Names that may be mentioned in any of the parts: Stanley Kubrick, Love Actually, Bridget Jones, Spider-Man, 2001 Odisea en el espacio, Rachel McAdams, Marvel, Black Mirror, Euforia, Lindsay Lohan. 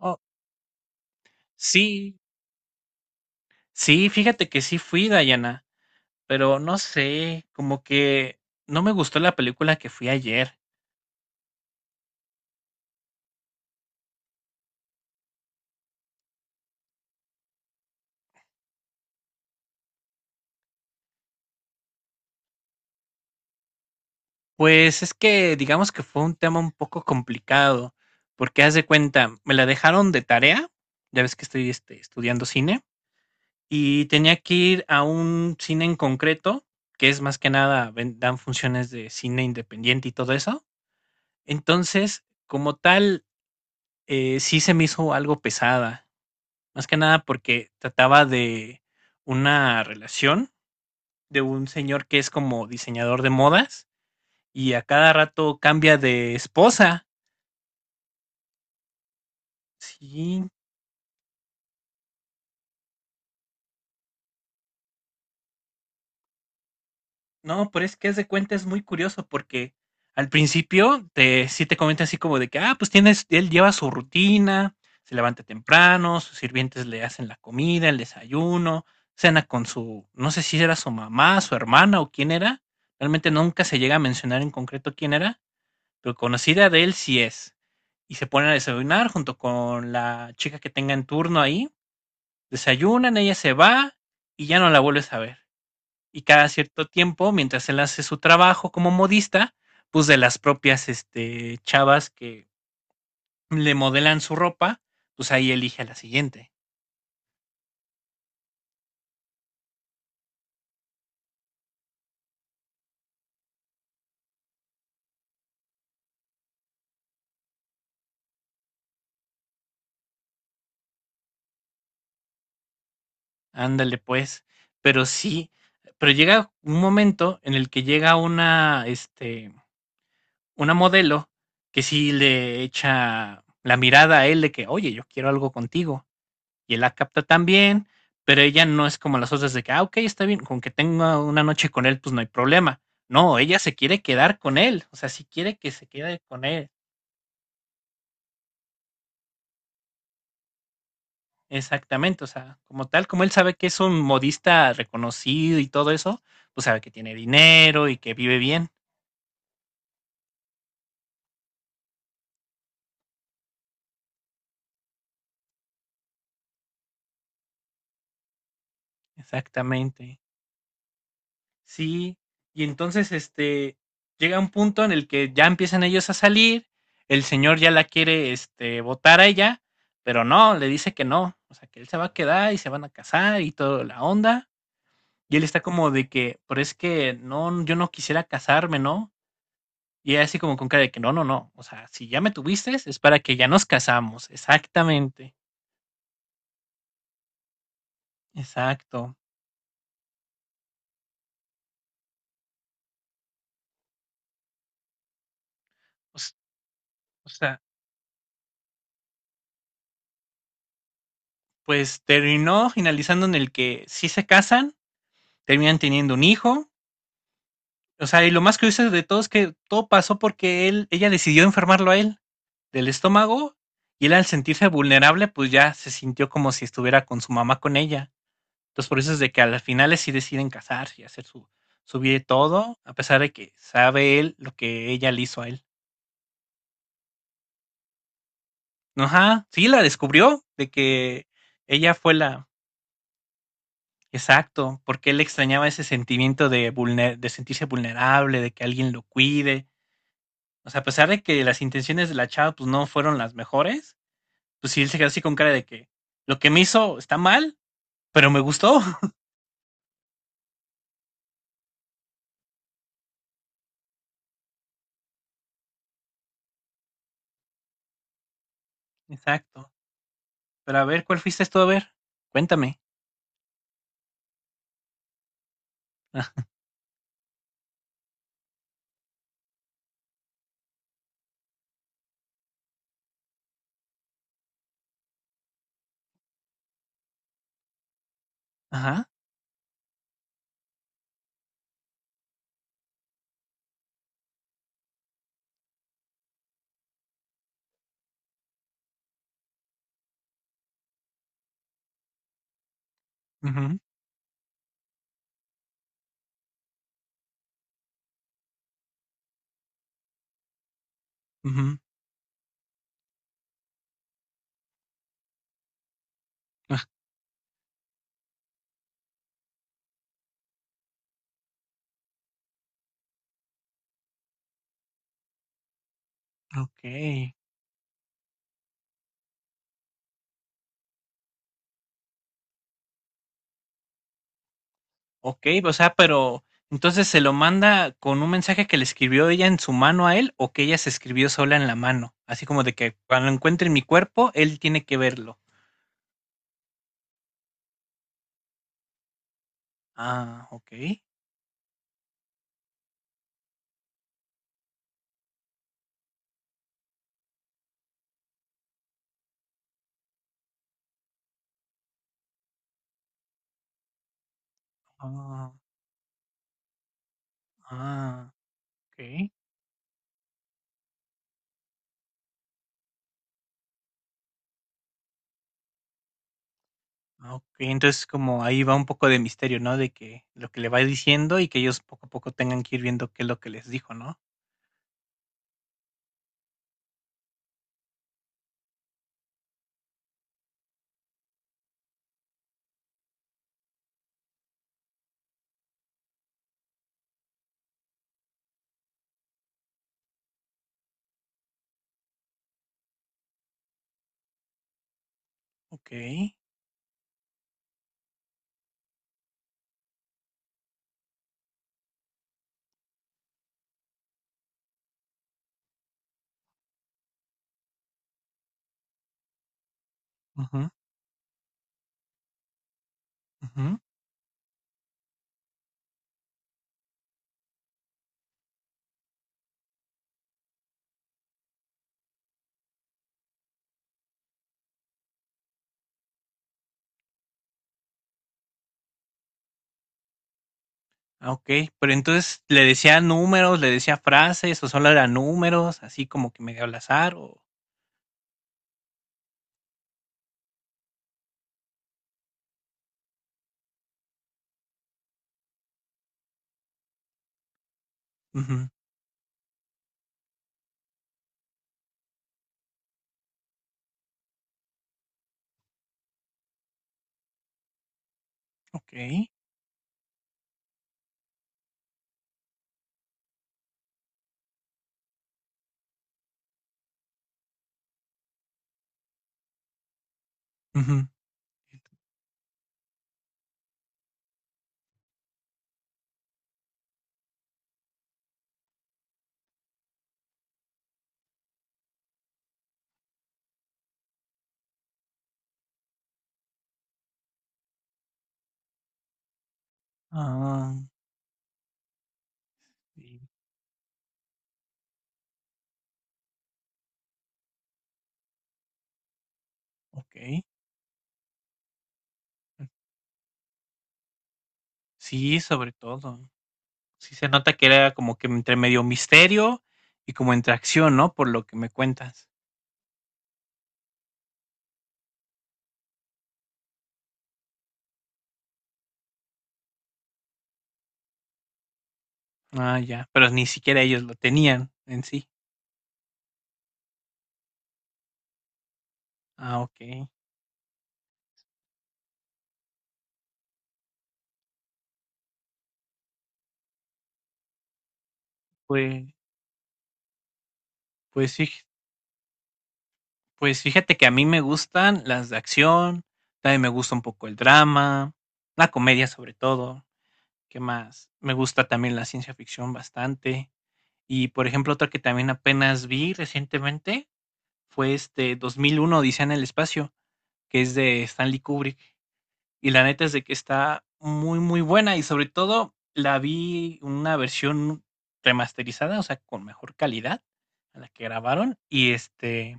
Oh, sí, sí, fíjate que sí fui, Dayana, pero no sé, como que no me gustó la película que fui ayer. Pues es que digamos que fue un tema un poco complicado, porque haz de cuenta, me la dejaron de tarea, ya ves que estoy estudiando cine, y tenía que ir a un cine en concreto, que es más que nada, dan funciones de cine independiente y todo eso. Entonces, como tal, sí se me hizo algo pesada. Más que nada porque trataba de una relación de un señor que es como diseñador de modas y a cada rato cambia de esposa. Sí, no, pero es que haz de cuenta es muy curioso porque al principio te, sí te comenta así como de que, ah, pues tienes, él lleva su rutina, se levanta temprano, sus sirvientes le hacen la comida, el desayuno, cena con su, no sé si era su mamá, su hermana o quién era, realmente nunca se llega a mencionar en concreto quién era, pero conocida de él sí es. Y se ponen a desayunar junto con la chica que tenga en turno ahí. Desayunan, ella se va y ya no la vuelves a ver. Y cada cierto tiempo, mientras él hace su trabajo como modista, pues de las propias chavas que le modelan su ropa, pues ahí elige a la siguiente. Ándale pues. Pero sí, pero llega un momento en el que llega una, una modelo que sí le echa la mirada a él de que, oye, yo quiero algo contigo. Y él la capta también, pero ella no es como las otras de que, ah, ok, está bien, con que tenga una noche con él, pues no hay problema. No, ella se quiere quedar con él, o sea, sí quiere que se quede con él, exactamente, o sea, como tal, como él sabe que es un modista reconocido y todo eso, pues sabe que tiene dinero y que vive bien, exactamente. Sí, y entonces, llega un punto en el que ya empiezan ellos a salir, el señor ya la quiere, botar a ella, pero no, le dice que no, o sea, que él se va a quedar y se van a casar y toda la onda, y él está como de que, pero es que no, yo no quisiera casarme, ¿no? Y ella así como con cara de que no, no, no, o sea, si ya me tuviste es para que ya nos casamos, exactamente, exacto. O s- o sea, pues terminó finalizando en el que sí se casan, terminan teniendo un hijo. O sea, y lo más curioso de todo es que todo pasó porque él, ella decidió enfermarlo a él del estómago y él al sentirse vulnerable, pues ya se sintió como si estuviera con su mamá con ella. Entonces por eso es de que a las finales sí deciden casarse y hacer su, su vida y todo, a pesar de que sabe él lo que ella le hizo a él. Ajá, sí, la descubrió de que ella fue la... Exacto, porque él extrañaba ese sentimiento de, de sentirse vulnerable, de que alguien lo cuide. O sea, a pesar de que las intenciones de la chava pues no fueron las mejores, pues sí él se quedó así con cara de que lo que me hizo está mal, pero me gustó. Exacto. Pero a ver, ¿cuál fuiste tú a ver? Cuéntame. Ah, ajá, ujú, ujú, ah, ok. Ok, o sea, pero entonces se lo manda con un mensaje que le escribió ella en su mano a él o que ella se escribió sola en la mano. Así como de que cuando encuentre mi cuerpo, él tiene que verlo. Ah, ok. Ah, ah, ok. Ah, okey, entonces, como ahí va un poco de misterio, ¿no? De que lo que le va diciendo y que ellos poco a poco tengan que ir viendo qué es lo que les dijo, ¿no? Ok. Ujú, ujú. Ah, okey. Pero entonces, ¿le decía números, le decía frases o solo eran números, así como que medio al azar o? Ujú, ok. Ujú. Ah, sí, okey. Sí, sobre todo. Sí se nota que era como que entre medio misterio y como entre acción, ¿no? Por lo que me cuentas. Ah, ya, pero ni siquiera ellos lo tenían en sí. Ah, okey. Pues pues fij pues fíjate que a mí me gustan las de acción, también me gusta un poco el drama, la comedia sobre todo, ¿qué más? Me gusta también la ciencia ficción bastante. Y, por ejemplo, otra que también apenas vi recientemente fue, 2001 Odisea en el espacio, que es de Stanley Kubrick. Y la neta es de que está muy, muy buena, y sobre todo la vi una versión remasterizada, o sea, con mejor calidad a la que grabaron,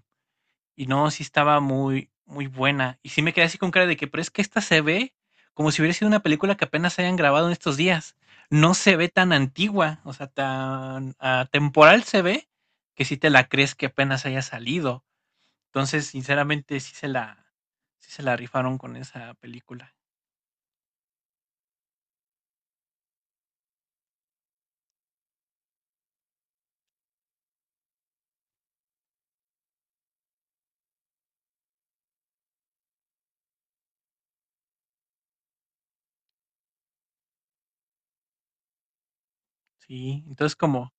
y no, sí estaba muy, muy buena. Y sí me quedé así con cara de que, pero es que esta se ve como si hubiera sido una película que apenas hayan grabado en estos días. No se ve tan antigua, o sea, tan atemporal se ve que si te la crees que apenas haya salido. Entonces, sinceramente, sí se la rifaron con esa película. Sí, entonces como,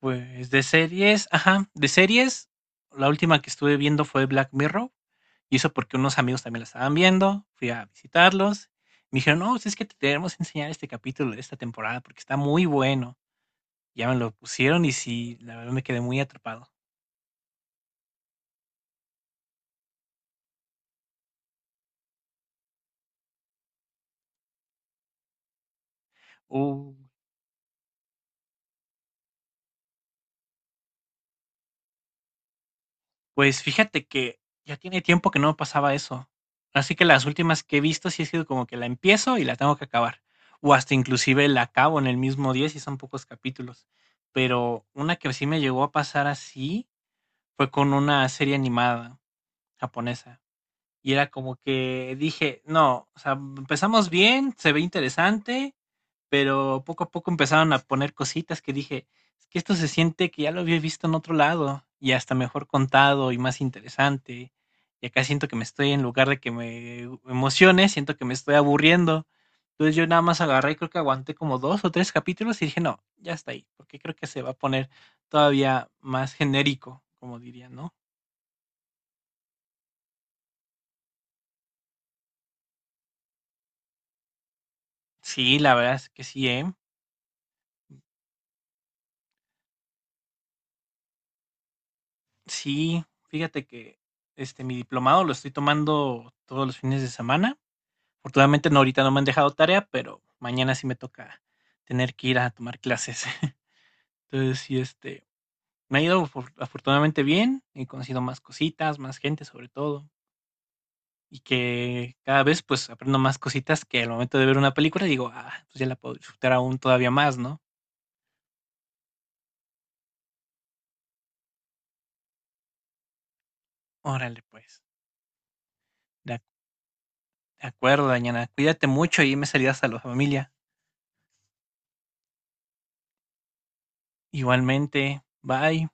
pues de series, ajá, de series, la última que estuve viendo fue Black Mirror, y eso porque unos amigos también la estaban viendo, fui a visitarlos, me dijeron, no, pues es que te tenemos que enseñar este capítulo de esta temporada porque está muy bueno. Ya me lo pusieron y sí, la verdad me quedé muy atrapado. Uh, Pues fíjate que ya tiene tiempo que no me pasaba eso. Así que las últimas que he visto sí ha sido como que la empiezo y la tengo que acabar. O hasta inclusive la acabo en el mismo día si son pocos capítulos. Pero una que sí me llegó a pasar así fue con una serie animada japonesa. Y era como que dije, no, o sea, empezamos bien, se ve interesante, pero poco a poco empezaron a poner cositas que dije, es que esto se siente que ya lo había visto en otro lado y hasta mejor contado y más interesante. Y acá siento que me estoy, en lugar de que me emocione, siento que me estoy aburriendo. Entonces yo nada más agarré y creo que aguanté como 2 o 3 capítulos y dije, no, ya está ahí, porque creo que se va a poner todavía más genérico, como diría, ¿no? Sí, la verdad es que sí, ¿eh? Sí, fíjate que mi diplomado lo estoy tomando todos los fines de semana. Afortunadamente no, ahorita no me han dejado tarea, pero mañana sí me toca tener que ir a tomar clases. Entonces, sí, me ha ido afortunadamente bien, he conocido más cositas, más gente sobre todo, y que cada vez pues aprendo más cositas que al momento de ver una película digo, ah, pues ya la puedo disfrutar aún todavía más, ¿no? Órale, pues. De ac- de acuerdo, Dañana, cuídate mucho y me saludas a la familia. Igualmente, bye.